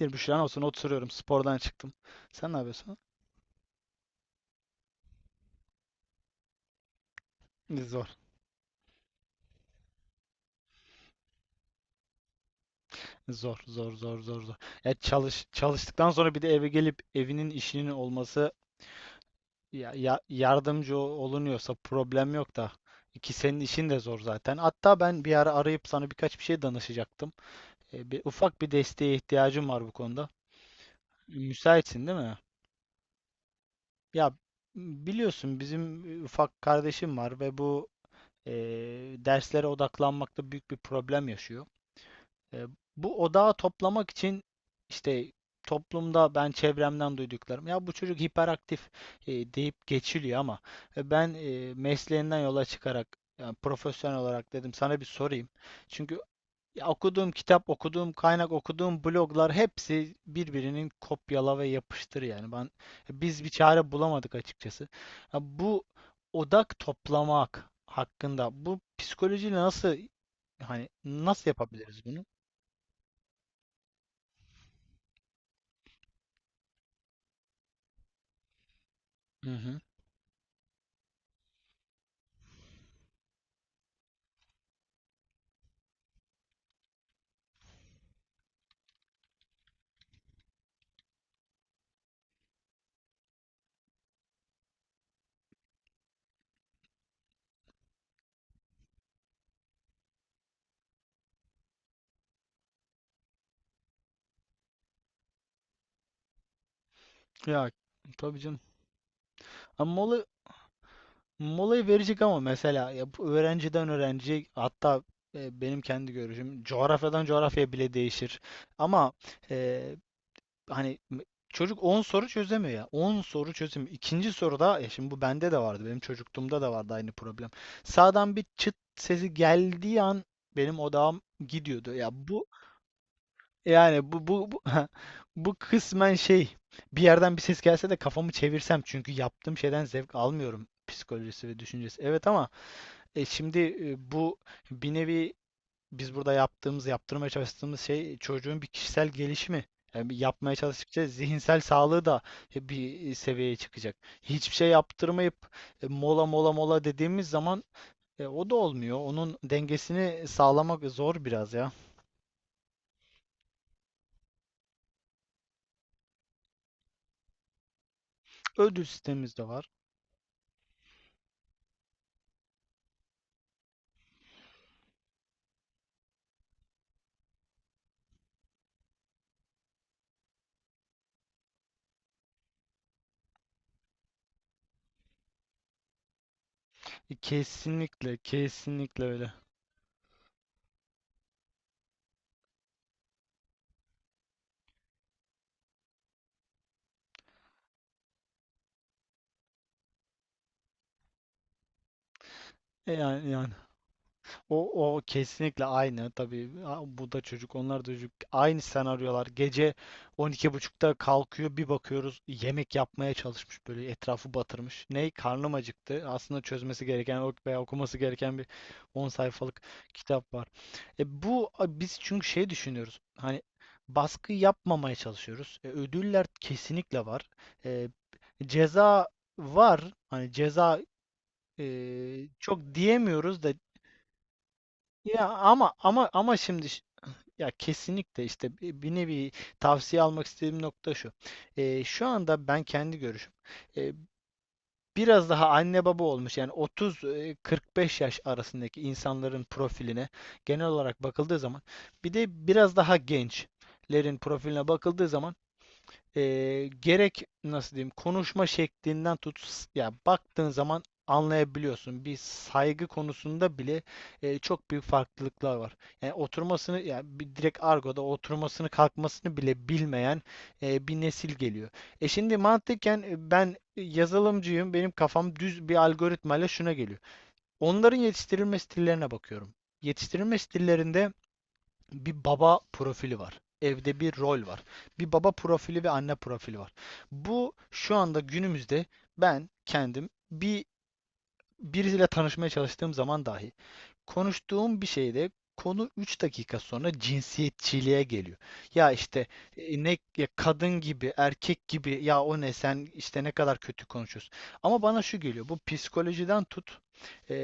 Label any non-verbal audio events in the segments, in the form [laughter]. Bir Büşra'nın olsun oturuyorum, spordan çıktım. Sen ne yapıyorsun? Zor. Zor zor zor zor zor. Ya çalıştıktan sonra bir de eve gelip evinin işinin olması yardımcı olunuyorsa problem yok da, ki senin işin de zor zaten. Hatta ben bir ara arayıp sana birkaç bir şey danışacaktım. Ufak bir desteğe ihtiyacım var bu konuda. Müsaitsin değil mi? Ya biliyorsun bizim ufak kardeşim var ve bu e, derslere odaklanmakta büyük bir problem yaşıyor. E, Bu odağı toplamak için işte toplumda ben çevremden duyduklarım, ya bu çocuk hiperaktif deyip geçiliyor ama ben mesleğinden yola çıkarak, yani profesyonel olarak dedim sana bir sorayım. Çünkü ya okuduğum kitap, okuduğum kaynak, okuduğum bloglar, hepsi birbirinin kopyala ve yapıştır yani. Biz bir çare bulamadık açıkçası. Ya bu odak toplamak hakkında, bu psikolojiyle hani nasıl yapabiliriz bunu? Hı hı. Ya tabii canım. Ama molayı verecek, ama mesela ya bu öğrenciden öğrenciye, hatta benim kendi görüşüm coğrafyadan coğrafyaya bile değişir. Ama e, çocuk 10 soru çözemiyor ya. 10 soru çözemiyor. İkinci soruda ya, şimdi bu bende de vardı. Benim çocukluğumda da vardı aynı problem. Sağdan bir çıt sesi geldiği an benim odağım gidiyordu. Ya bu Yani bu bu bu, [laughs] bu kısmen bir yerden bir ses gelse de kafamı çevirsem, çünkü yaptığım şeyden zevk almıyorum psikolojisi ve düşüncesi. Evet ama şimdi bu bir nevi biz burada yaptığımız, yaptırmaya çalıştığımız şey, çocuğun bir kişisel gelişimi. Yani bir yapmaya çalıştıkça zihinsel sağlığı da bir seviyeye çıkacak. Hiçbir şey yaptırmayıp mola mola mola dediğimiz zaman o da olmuyor. Onun dengesini sağlamak zor biraz ya. Ödül sistemimiz de var. Kesinlikle, kesinlikle öyle. Yani o kesinlikle aynı. Tabii bu da çocuk, onlar da çocuk. Aynı senaryolar. Gece 12.30'da kalkıyor, bir bakıyoruz yemek yapmaya çalışmış, böyle etrafı batırmış. Ney? Karnım acıktı. Aslında çözmesi gereken, veya okuması gereken bir 10 sayfalık kitap var. Biz çünkü şey düşünüyoruz. Hani baskı yapmamaya çalışıyoruz. Ödüller kesinlikle var. E, Ceza var. Hani ceza, çok diyemiyoruz da ya ama ya kesinlikle, işte bir nevi tavsiye almak istediğim nokta şu. Şu anda ben kendi görüşüm, eee, biraz daha anne baba olmuş yani 30-45 yaş arasındaki insanların profiline genel olarak bakıldığı zaman, bir de biraz daha gençlerin profiline bakıldığı zaman, e, gerek nasıl diyeyim konuşma şeklinden tut, ya baktığın zaman anlayabiliyorsun. Bir saygı konusunda bile çok büyük farklılıklar var. Yani oturmasını, ya bir direkt argoda oturmasını kalkmasını bile bilmeyen bir nesil geliyor. Şimdi mantıken, ben yazılımcıyım. Benim kafam düz bir algoritmayla şuna geliyor. Onların yetiştirilme stillerine bakıyorum. Yetiştirilme stillerinde bir baba profili var. Evde bir rol var. Bir baba profili ve anne profili var. Bu şu anda günümüzde, ben kendim birisiyle tanışmaya çalıştığım zaman dahi, konuştuğum bir şeyde konu 3 dakika sonra cinsiyetçiliğe geliyor. Ya işte ne ya, kadın gibi, erkek gibi, ya o ne, sen işte ne kadar kötü konuşuyorsun. Ama bana şu geliyor. Bu psikolojiden tut, e,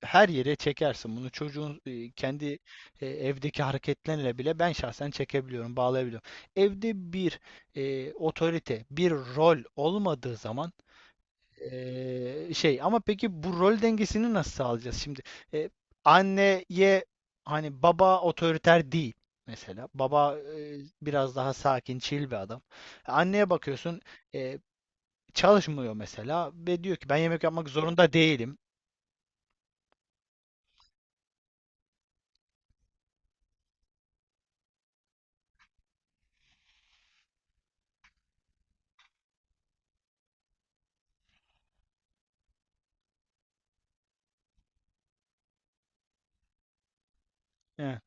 her yere çekersin. Bunu çocuğun kendi evdeki hareketlerle bile ben şahsen çekebiliyorum, bağlayabiliyorum. Evde bir otorite, bir rol olmadığı zaman, ama peki bu rol dengesini nasıl sağlayacağız şimdi? E, Anneye, hani baba otoriter değil mesela. Baba biraz daha sakin, chill bir adam. Anneye bakıyorsun e, çalışmıyor mesela, ve diyor ki ben yemek yapmak zorunda değilim. Evet,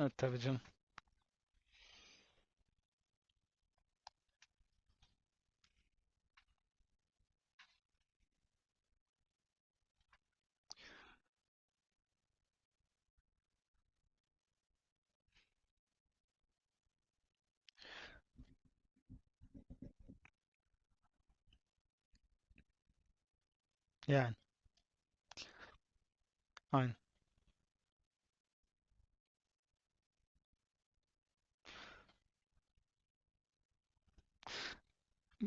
evet tabii canım. Yani. Aynen.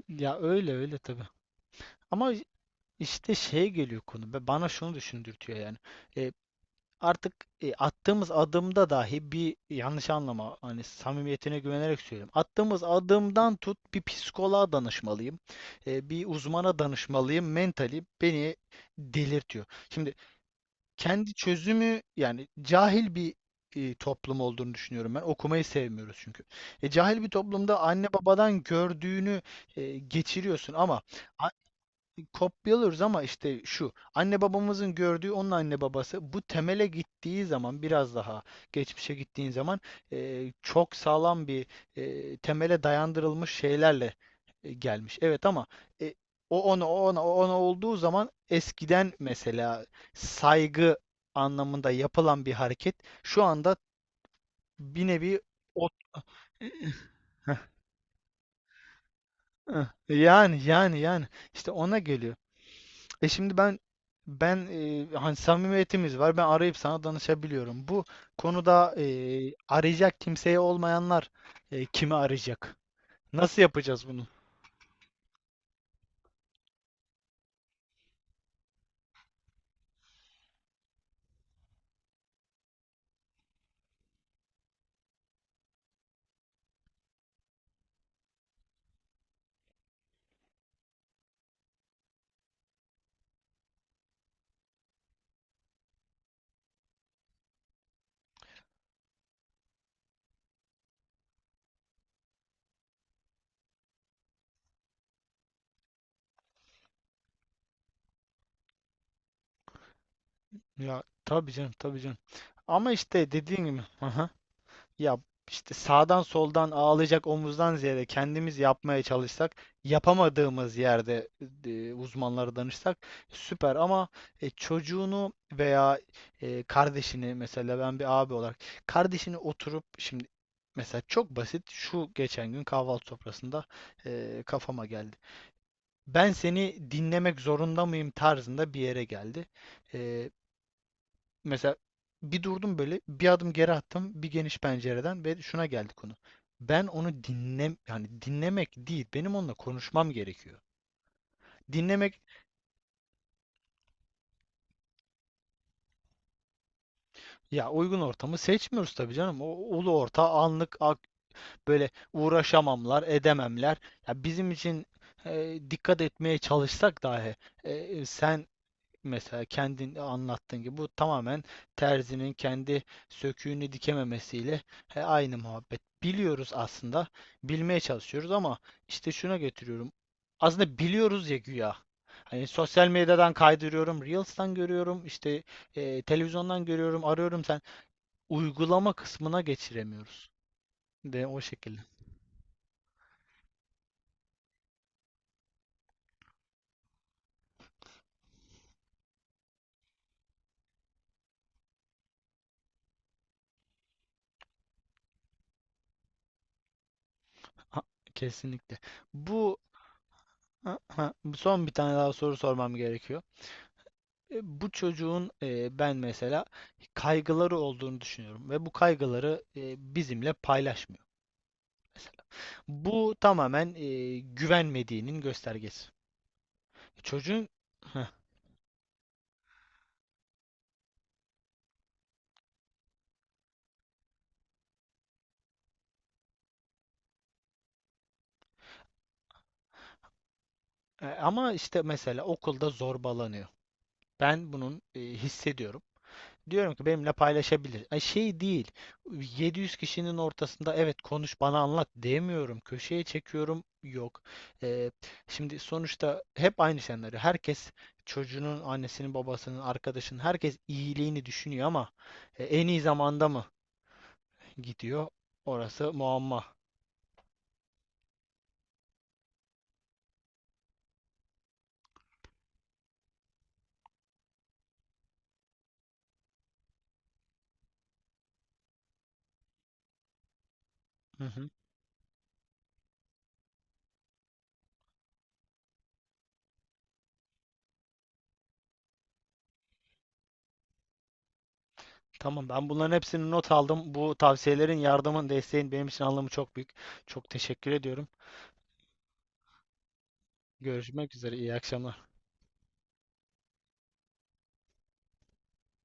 Ya öyle öyle tabii. Ama işte şeye geliyor konu. Ve bana şunu düşündürtüyor yani. E, Artık attığımız adımda dahi bir yanlış anlama, hani samimiyetine güvenerek söylüyorum. Attığımız adımdan tut, bir psikoloğa danışmalıyım. Bir uzmana danışmalıyım. Mentali beni delirtiyor. Şimdi kendi çözümü, yani cahil bir toplum olduğunu düşünüyorum ben. Okumayı sevmiyoruz çünkü. Cahil bir toplumda anne babadan gördüğünü geçiriyorsun, ama kopyalıyoruz. Ama işte şu anne babamızın gördüğü, onun anne babası, bu temele gittiği zaman, biraz daha geçmişe gittiğin zaman, çok sağlam bir temele dayandırılmış şeylerle gelmiş. Evet ama e, o ona, o ona, o ona olduğu zaman eskiden, mesela saygı anlamında yapılan bir hareket şu anda bir nevi o [laughs] yani işte ona geliyor. Şimdi ben, hani samimiyetimiz var. Ben arayıp sana danışabiliyorum. Bu konuda arayacak kimseye olmayanlar kimi arayacak? Nasıl yapacağız bunu? Ya tabii canım, tabii canım. Ama işte dediğin gibi. Ya işte sağdan soldan ağlayacak omuzdan ziyade, kendimiz yapmaya çalışsak, yapamadığımız yerde uzmanlara danışsak süper, ama çocuğunu veya kardeşini, mesela ben bir abi olarak kardeşini oturup şimdi, mesela çok basit, şu geçen gün kahvaltı sofrasında kafama geldi. Ben seni dinlemek zorunda mıyım tarzında bir yere geldi. E, Mesela bir durdum, böyle bir adım geri attım, bir geniş pencereden, ve şuna geldi konu. Ben onu yani dinlemek değil, benim onunla konuşmam gerekiyor. Dinlemek, ya uygun ortamı seçmiyoruz tabii canım. O ulu orta anlık böyle uğraşamamlar edememler. Ya bizim için dikkat etmeye çalışsak dahi e, sen mesela kendin anlattığın gibi, bu tamamen terzinin kendi söküğünü dikememesiyle, he, aynı muhabbet. Biliyoruz aslında, bilmeye çalışıyoruz, ama işte şuna getiriyorum. Aslında biliyoruz ya güya. Hani sosyal medyadan kaydırıyorum, Reels'tan görüyorum, işte televizyondan görüyorum, arıyorum sen. Uygulama kısmına geçiremiyoruz. De o şekilde. [laughs] Ha, kesinlikle. Bu [laughs] son bir tane daha soru sormam gerekiyor. Bu çocuğun, ben mesela kaygıları olduğunu düşünüyorum, ve bu kaygıları bizimle paylaşmıyor mesela. Bu tamamen güvenmediğinin göstergesi. Çocuğun. Heh. Ama işte mesela okulda zorbalanıyor. Ben bunun hissediyorum. Diyorum ki benimle paylaşabilir. Ay, şey değil. 700 kişinin ortasında evet, konuş bana anlat demiyorum. Köşeye çekiyorum. Yok. Ee, Şimdi sonuçta hep aynı senaryo. Herkes, çocuğunun, annesinin, babasının, arkadaşının, herkes iyiliğini düşünüyor, ama en iyi zamanda mı gidiyor? Orası muamma. Hı hı. Tamam, ben bunların hepsini not aldım. Bu tavsiyelerin, yardımın, desteğin benim için anlamı çok büyük. Çok teşekkür ediyorum. Görüşmek üzere. İyi akşamlar.